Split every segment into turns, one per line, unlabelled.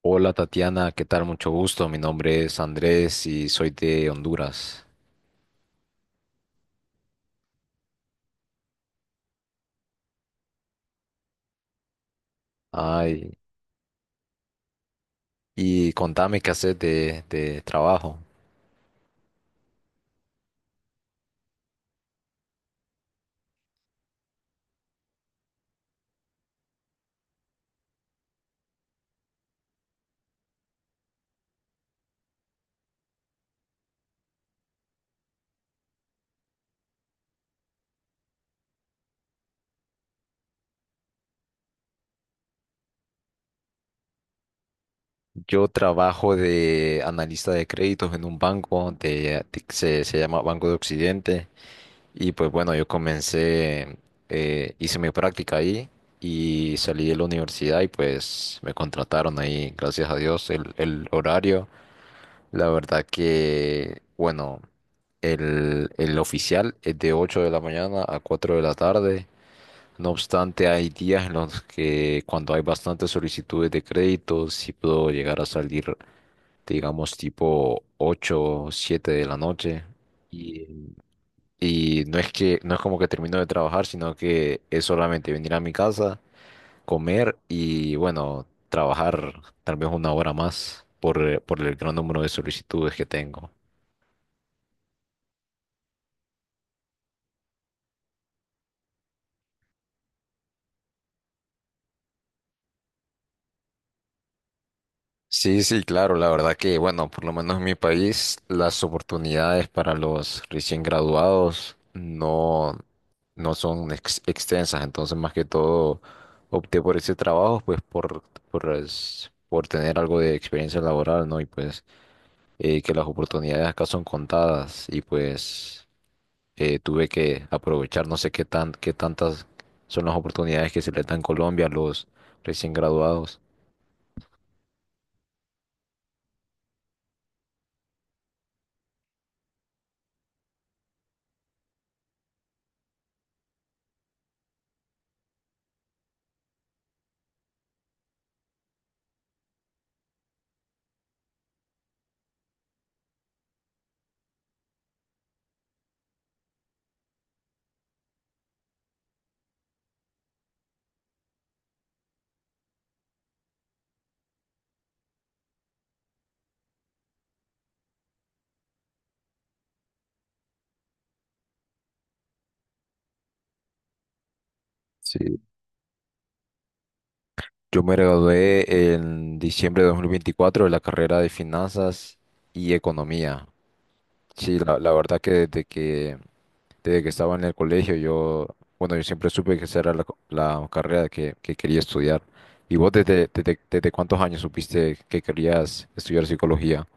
Hola Tatiana, ¿qué tal? Mucho gusto. Mi nombre es Andrés y soy de Honduras. Ay, y contame qué haces de trabajo. Yo trabajo de analista de créditos en un banco se llama Banco de Occidente. Y pues bueno, yo comencé, hice mi práctica ahí y salí de la universidad y pues me contrataron ahí, gracias a Dios, el horario. La verdad que, bueno, el oficial es de 8 de la mañana a 4 de la tarde. No obstante, hay días en los que cuando hay bastantes solicitudes de crédito, sí puedo llegar a salir, digamos, tipo 8 o 7 de la noche. Y, y no es que, no es como que termino de trabajar, sino que es solamente venir a mi casa, comer y, bueno, trabajar tal vez una hora más por el gran número de solicitudes que tengo. Sí, sí, claro, la verdad que, bueno, por lo menos en mi país, las oportunidades para los recién graduados no, no son extensas, entonces más que todo opté por ese trabajo, pues por, por tener algo de experiencia laboral, ¿no? Y pues que las oportunidades acá son contadas y pues tuve que aprovechar, no sé qué tan, qué tantas son las oportunidades que se les da en Colombia a los recién graduados. Sí. Yo me gradué en diciembre de 2024 de la carrera de finanzas y economía. Sí, la verdad que desde que estaba en el colegio, yo, bueno, yo siempre supe que esa era la, la carrera que quería estudiar. ¿Y vos desde cuántos años supiste que querías estudiar psicología?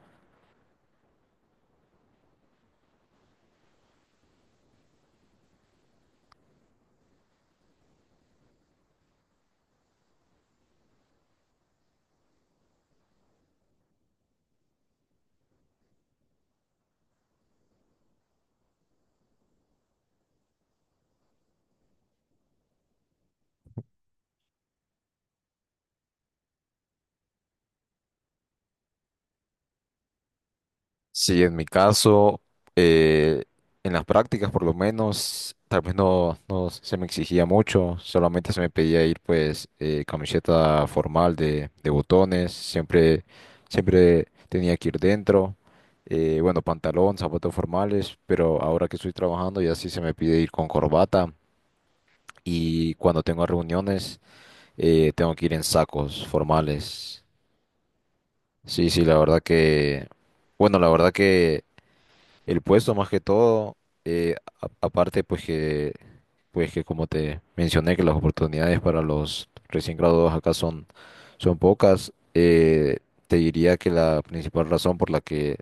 Sí, en mi caso, eh, en las prácticas por lo menos, tal vez no, no se me exigía mucho, solamente se me pedía ir pues camiseta formal de botones, siempre, siempre tenía que ir dentro, bueno, pantalón, zapatos formales, pero ahora que estoy trabajando ya sí se me pide ir con corbata y cuando tengo reuniones tengo que ir en sacos formales. Sí, sí, la verdad que, bueno, la verdad que el puesto más que todo, eh, aparte pues que como te mencioné que las oportunidades para los recién graduados acá son, son pocas, te diría que la principal razón por la que,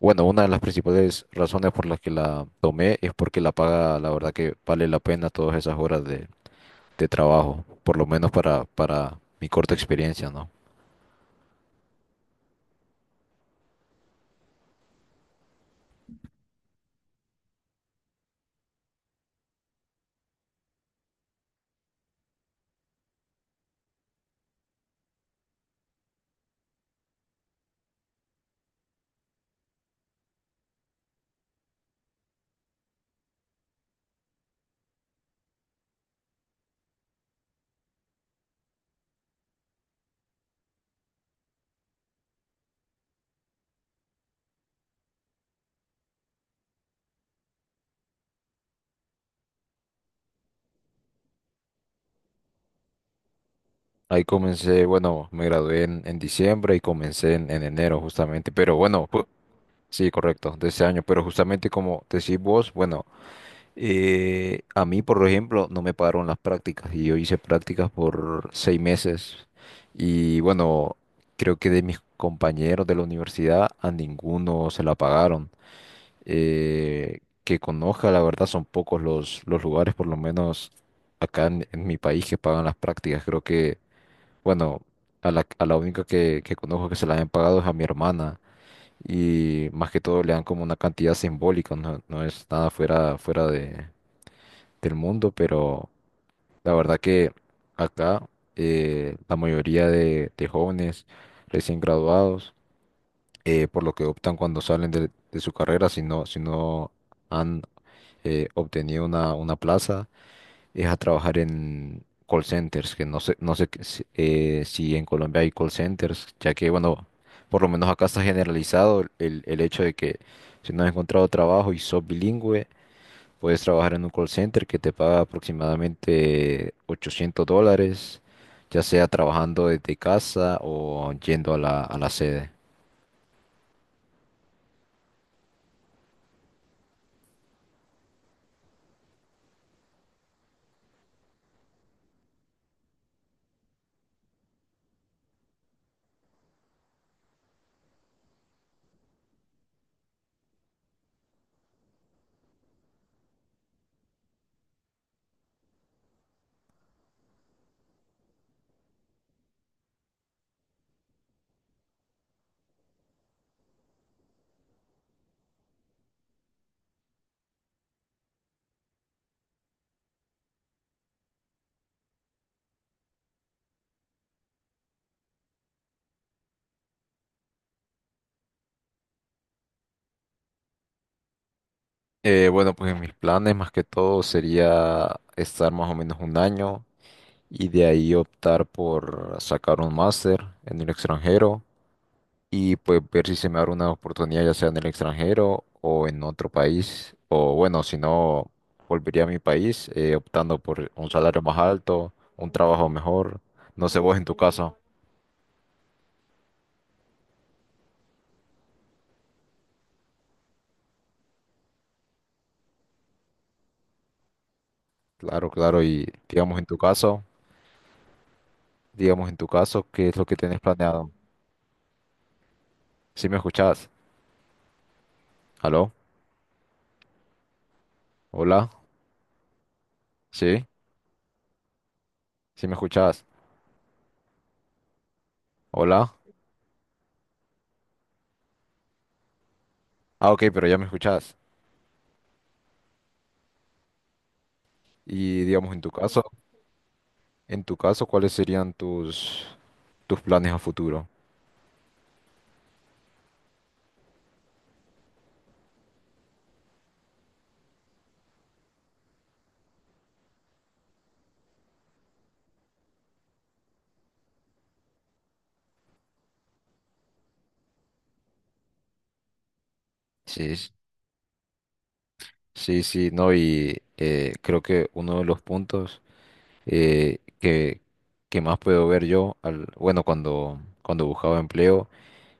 bueno, una de las principales razones por las que la tomé es porque la paga, la verdad que vale la pena todas esas horas de trabajo, por lo menos para mi corta experiencia, ¿no? Ahí comencé, bueno, me gradué en diciembre y comencé en enero justamente, pero bueno, sí, correcto, de ese año, pero justamente como decís vos, bueno, a mí, por ejemplo, no me pagaron las prácticas y yo hice prácticas por 6 meses y bueno, creo que de mis compañeros de la universidad a ninguno se la pagaron. Que conozca, la verdad, son pocos los lugares, por lo menos acá en mi país, que pagan las prácticas. Creo que, bueno, a la única que conozco que se la han pagado es a mi hermana y más que todo le dan como una cantidad simbólica, no, no es nada fuera, fuera del mundo, pero la verdad que acá la mayoría de jóvenes recién graduados, por lo que optan cuando salen de su carrera, si no, si no han obtenido una plaza, es a trabajar en call centers, que no sé, no sé qué si si en Colombia hay call centers, ya que, bueno, por lo menos acá está generalizado el hecho de que si no has encontrado trabajo y sos bilingüe, puedes trabajar en un call center que te paga aproximadamente $800, ya sea trabajando desde casa o yendo a la sede. Bueno, pues mis planes más que todo sería estar más o menos un año. Y de ahí optar por sacar un máster en el extranjero y pues ver si se me abre una oportunidad ya sea en el extranjero o en otro país o bueno, si no volvería a mi país optando por un salario más alto, un trabajo mejor, no sé vos en tu caso. Claro, claro, y digamos en tu caso, digamos en tu caso, ¿qué es lo que tenés planeado? ¿Sí me escuchás? ¿Aló? ¿Hola? ¿Sí? ¿Sí me escuchás? ¿Hola? Ah, ok, pero ya me escuchás. Y digamos en tu caso, en tu caso, ¿cuáles serían tus, tus planes a futuro? Sí, s- sí, sí, no, y creo que uno de los puntos eh, que, que más puedo ver yo, al, bueno, cuando, cuando buscaba empleo,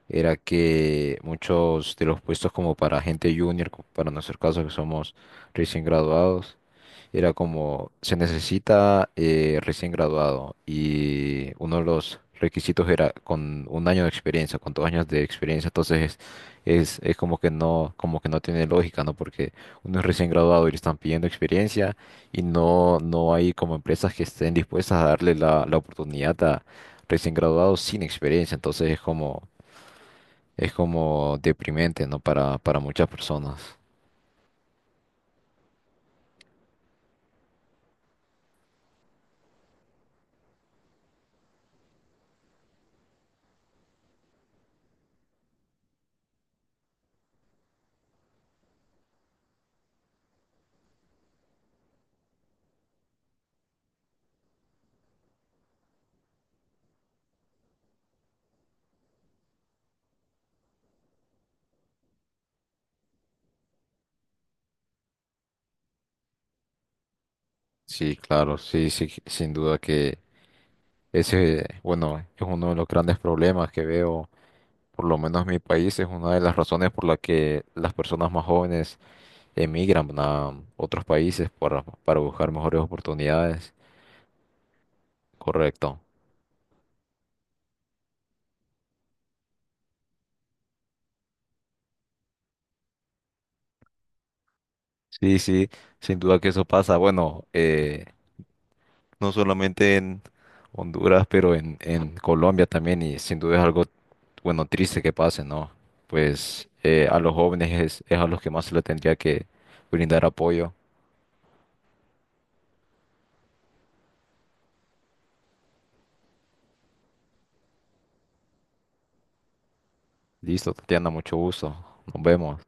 era que muchos de los puestos como para gente junior, para nuestro caso que somos recién graduados, era como, se necesita recién graduado y uno de los requisitos era con un año de experiencia, con dos años de experiencia, entonces es, es como que no tiene lógica, ¿no? Porque uno es recién graduado y le están pidiendo experiencia y no, no hay como empresas que estén dispuestas a darle la, la oportunidad a recién graduados sin experiencia, entonces es como deprimente, ¿no? Para muchas personas. Sí, claro, sí, sí, sin duda que ese, bueno, es uno de los grandes problemas que veo, por lo menos en mi país, es una de las razones por la que las personas más jóvenes emigran a otros países para buscar mejores oportunidades. Correcto. Sí, sí, sin duda que eso pasa. Bueno, no solamente en Honduras, pero en Colombia también, y sin duda es algo, bueno, triste que pase, ¿no? Pues a los jóvenes es a los que más se le tendría que brindar apoyo. Listo, Tatiana, mucho gusto. Nos vemos.